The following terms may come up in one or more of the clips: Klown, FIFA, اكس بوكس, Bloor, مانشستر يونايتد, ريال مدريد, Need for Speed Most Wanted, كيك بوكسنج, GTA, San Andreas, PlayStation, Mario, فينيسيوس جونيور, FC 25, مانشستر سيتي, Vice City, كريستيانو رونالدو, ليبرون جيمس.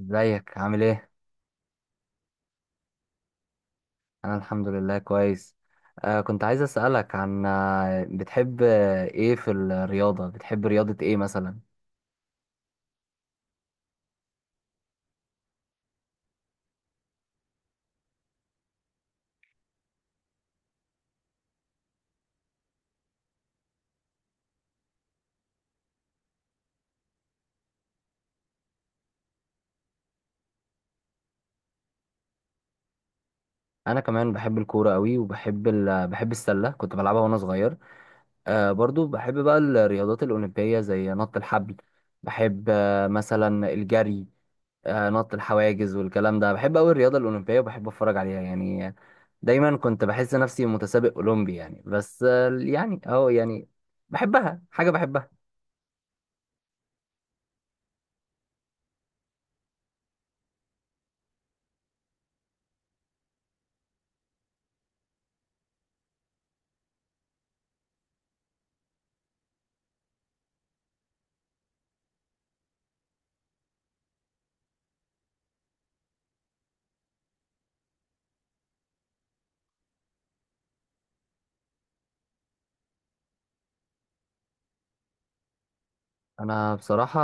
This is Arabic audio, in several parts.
ازيك عامل ايه؟ انا الحمد لله كويس. كنت عايز اسالك عن بتحب ايه في الرياضه، بتحب رياضه ايه مثلا؟ انا كمان بحب الكوره قوي وبحب ال... بحب السله، كنت بلعبها وانا صغير. برضو بحب بقى الرياضات الاولمبيه زي نط الحبل، بحب مثلا الجري، نط الحواجز والكلام ده. بحب قوي الرياضه الاولمبيه وبحب اتفرج عليها، يعني دايما كنت بحس نفسي متسابق اولمبي يعني، بس يعني اهو يعني، بحبها، حاجه بحبها. انا بصراحه،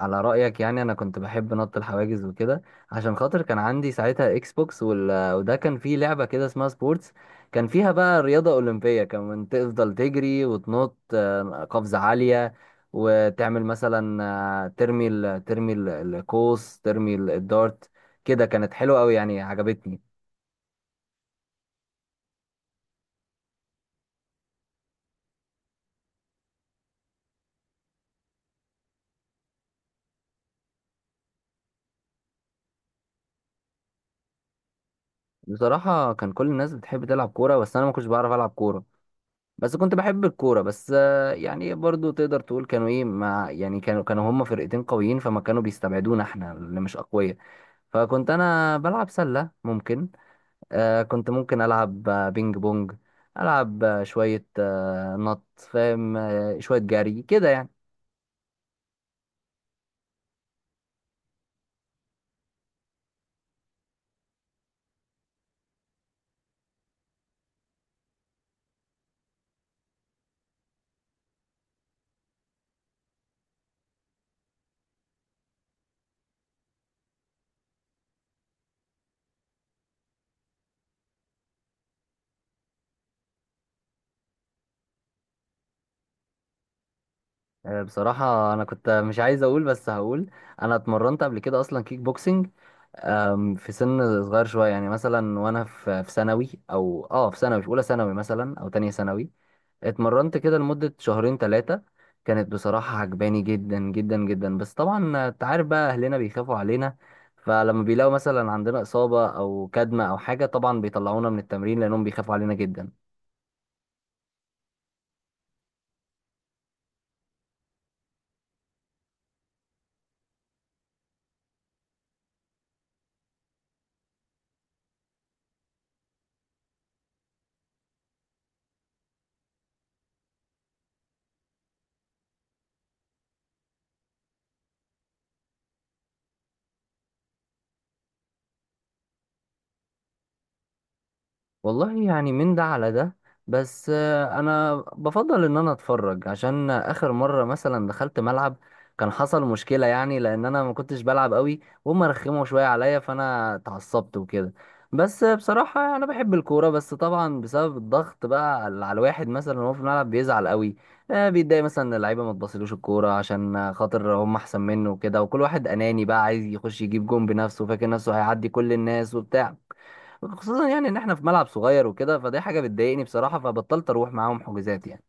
على رايك، يعني انا كنت بحب نط الحواجز وكده عشان خاطر كان عندي ساعتها اكس بوكس وده كان فيه لعبه كده اسمها سبورتس، كان فيها بقى رياضه اولمبيه، كان تفضل تجري وتنط قفزه عاليه، وتعمل مثلا ترمي القوس، ترمي الدارت. كده كانت حلوه قوي يعني، عجبتني. بصراحه كان كل الناس بتحب تلعب كوره بس انا ما كنتش بعرف العب كوره، بس كنت بحب الكورة. بس يعني برضو تقدر تقول كانوا ايه، مع يعني كانوا هم فرقتين قويين، فما كانوا بيستبعدونا احنا اللي مش اقوياء. فكنت انا بلعب سلة ممكن، كنت ممكن العب بينج بونج، العب شوية نط، فاهم، شوية جري كده يعني. بصراحة انا كنت مش عايز اقول بس هقول، انا اتمرنت قبل كده اصلا كيك بوكسنج. في سن صغير شوية يعني، مثلا وأنا في ثانوي، أو في ثانوي في أولى ثانوي مثلا أو تانية ثانوي. اتمرنت كده لمدة شهرين ثلاثة، كانت بصراحة عجباني جدا جدا جدا، بس طبعا انت عارف بقى اهلنا بيخافوا علينا، فلما بيلاقوا مثلا عندنا إصابة او كدمة او حاجة طبعا بيطلعونا من التمرين لانهم بيخافوا علينا جدا. والله يعني من ده على ده، بس انا بفضل ان انا اتفرج، عشان اخر مره مثلا دخلت ملعب كان حصل مشكله، يعني لان انا ما كنتش بلعب قوي وهم رخموا شويه عليا فانا اتعصبت وكده. بس بصراحه يعني انا بحب الكوره، بس طبعا بسبب الضغط بقى على الواحد مثلا وهو في الملعب بيزعل قوي، بيتضايق مثلا ان اللعيبه ما تبصلوش الكوره عشان خاطر هم احسن منه وكده، وكل واحد اناني بقى عايز يخش يجيب جون بنفسه، فاكر نفسه هيعدي كل الناس وبتاع. خصوصا يعني ان احنا في ملعب صغير وكده، فدي حاجه بتضايقني بصراحه، فبطلت اروح معاهم حجوزات يعني.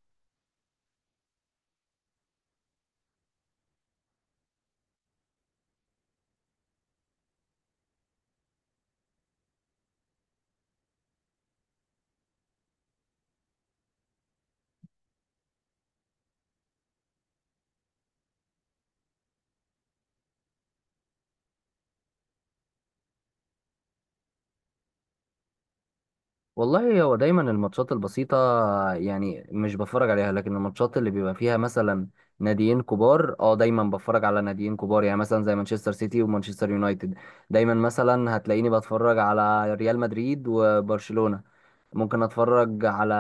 والله هو دايما الماتشات البسيطه يعني مش بتفرج عليها، لكن الماتشات اللي بيبقى فيها مثلا ناديين كبار، دايما بتفرج على ناديين كبار، يعني مثلا زي مانشستر سيتي ومانشستر يونايتد، دايما مثلا هتلاقيني بتفرج على ريال مدريد وبرشلونه. ممكن اتفرج على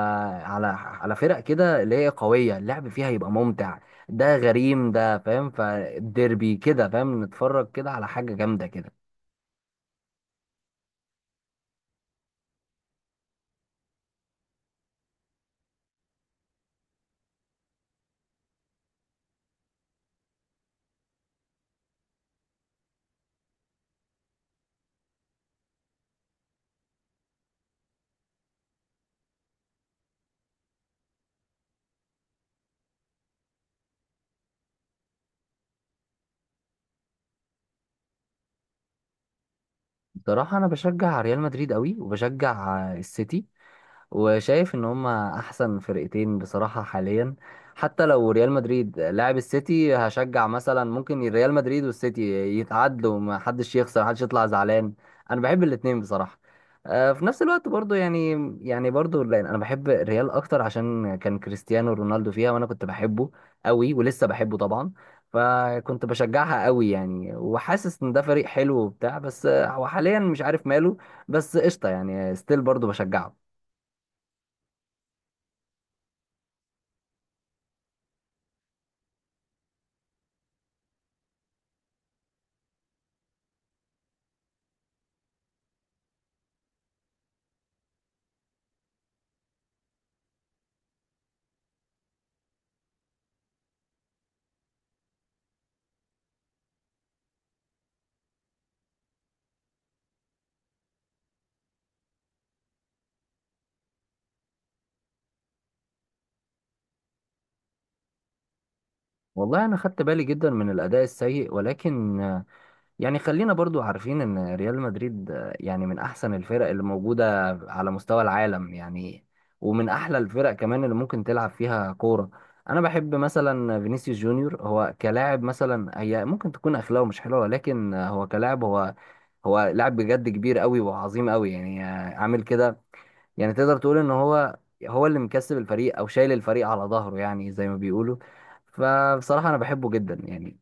على فرق كده اللي هي قوية، اللعب فيها يبقى ممتع، ده غريم ده، فاهم؟ فالديربي كده، فاهم، نتفرج كده على حاجة جامدة كده. بصراحة أنا بشجع ريال مدريد قوي، وبشجع السيتي، وشايف إن هما أحسن فرقتين بصراحة حاليا. حتى لو ريال مدريد لاعب السيتي هشجع، مثلا ممكن ريال مدريد والسيتي يتعادلوا، ما حدش يخسر، حدش يطلع زعلان. أنا بحب الاتنين بصراحة في نفس الوقت برضو، يعني، يعني برضو لأن أنا بحب الريال أكتر عشان كان كريستيانو رونالدو فيها، وأنا كنت بحبه قوي ولسه بحبه طبعا. فكنت بشجعها قوي يعني، وحاسس ان ده فريق حلو وبتاع، بس هو حاليا مش عارف ماله. بس قشطه يعني، ستيل برضو بشجعه. والله انا خدت بالي جدا من الاداء السيء، ولكن يعني خلينا برضو عارفين ان ريال مدريد يعني من احسن الفرق اللي موجوده على مستوى العالم يعني، ومن احلى الفرق كمان اللي ممكن تلعب فيها كوره. انا بحب مثلا فينيسيوس جونيور، هو كلاعب مثلا هي ممكن تكون اخلاقه مش حلوه، ولكن هو كلاعب هو لاعب بجد، كبير قوي وعظيم قوي يعني، عامل كده، يعني تقدر تقول ان هو اللي مكسب الفريق، او شايل الفريق على ظهره يعني زي ما بيقولوا. فبصراحة انا بحبه جدا يعني.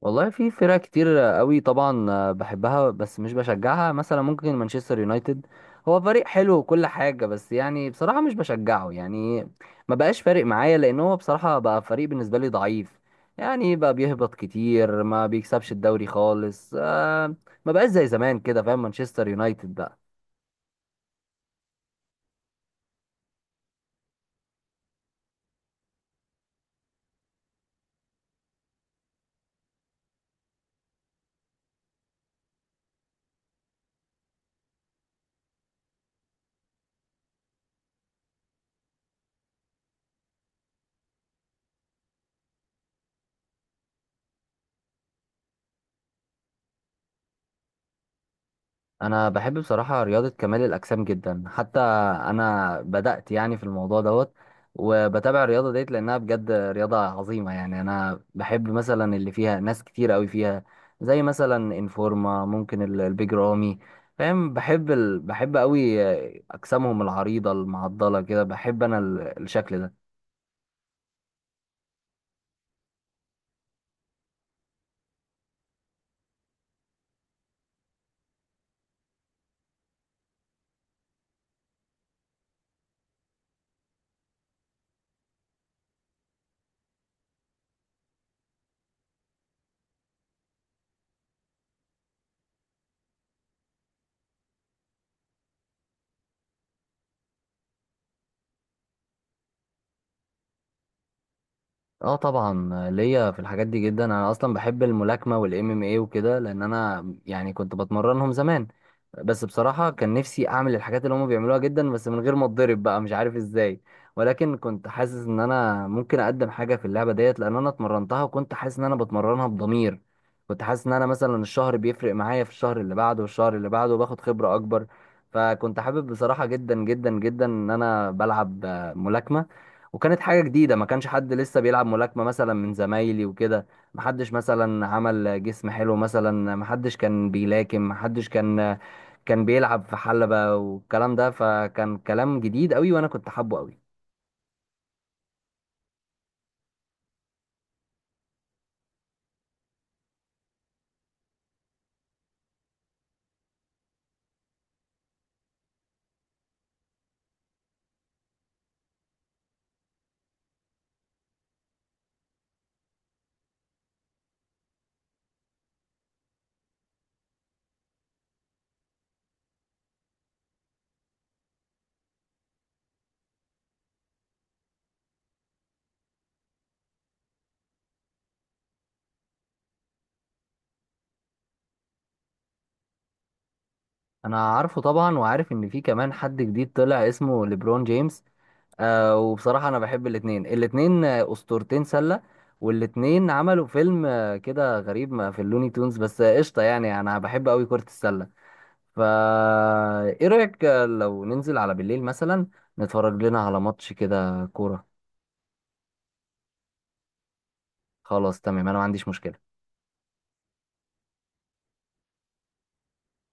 والله في فرق كتير قوي طبعا بحبها بس مش بشجعها، مثلا ممكن مانشستر يونايتد، هو فريق حلو وكل حاجة، بس يعني بصراحة مش بشجعه يعني، ما بقاش فارق معايا، لأن هو بصراحة بقى فريق بالنسبة لي ضعيف، يعني بقى بيهبط كتير، ما بيكسبش الدوري خالص، ما بقاش زي زمان كده، فاهم، مانشستر يونايتد بقى. انا بحب بصراحه رياضه كمال الاجسام جدا، حتى انا بدات يعني في الموضوع دوت، وبتابع الرياضه ديت لانها بجد رياضه عظيمه يعني. انا بحب مثلا اللي فيها ناس كتير قوي فيها زي مثلا انفورما، ممكن البيج رامي، فاهم، بحب قوي اجسامهم العريضه المعضله كده، بحب انا الشكل ده. اه طبعا، ليا في الحاجات دي جدا. انا اصلا بحب الملاكمه والام ام اي وكده، لان انا يعني كنت بتمرنهم زمان. بس بصراحه كان نفسي اعمل الحاجات اللي هم بيعملوها جدا، بس من غير ما اتضرب بقى، مش عارف ازاي. ولكن كنت حاسس ان انا ممكن اقدم حاجه في اللعبه ديت، لان انا اتمرنتها، وكنت حاسس ان انا بتمرنها بضمير، كنت حاسس ان انا مثلا الشهر بيفرق معايا في الشهر اللي بعده والشهر اللي بعده، وباخد خبره اكبر. فكنت حابب بصراحه جدا جدا جدا ان انا بلعب ملاكمه، وكانت حاجة جديدة، ما كانش حد لسه بيلعب ملاكمة مثلا من زمايلي وكده، ما حدش مثلا عمل جسم حلو، مثلا ما حدش كان بيلاكم، ما حدش كان بيلعب في حلبة والكلام ده، فكان كلام جديد قوي، وانا كنت حابه قوي. انا عارفه طبعا، وعارف ان في كمان حد جديد طلع اسمه ليبرون جيمس. وبصراحة انا بحب الاتنين اسطورتين سلة، والاتنين عملوا فيلم كده غريب ما في اللوني تونز، بس قشطة يعني، انا بحب قوي كرة السلة. فا ايه رأيك لو ننزل على بالليل مثلا، نتفرج لنا على ماتش كده كورة؟ خلاص تمام، انا ما عنديش مشكلة.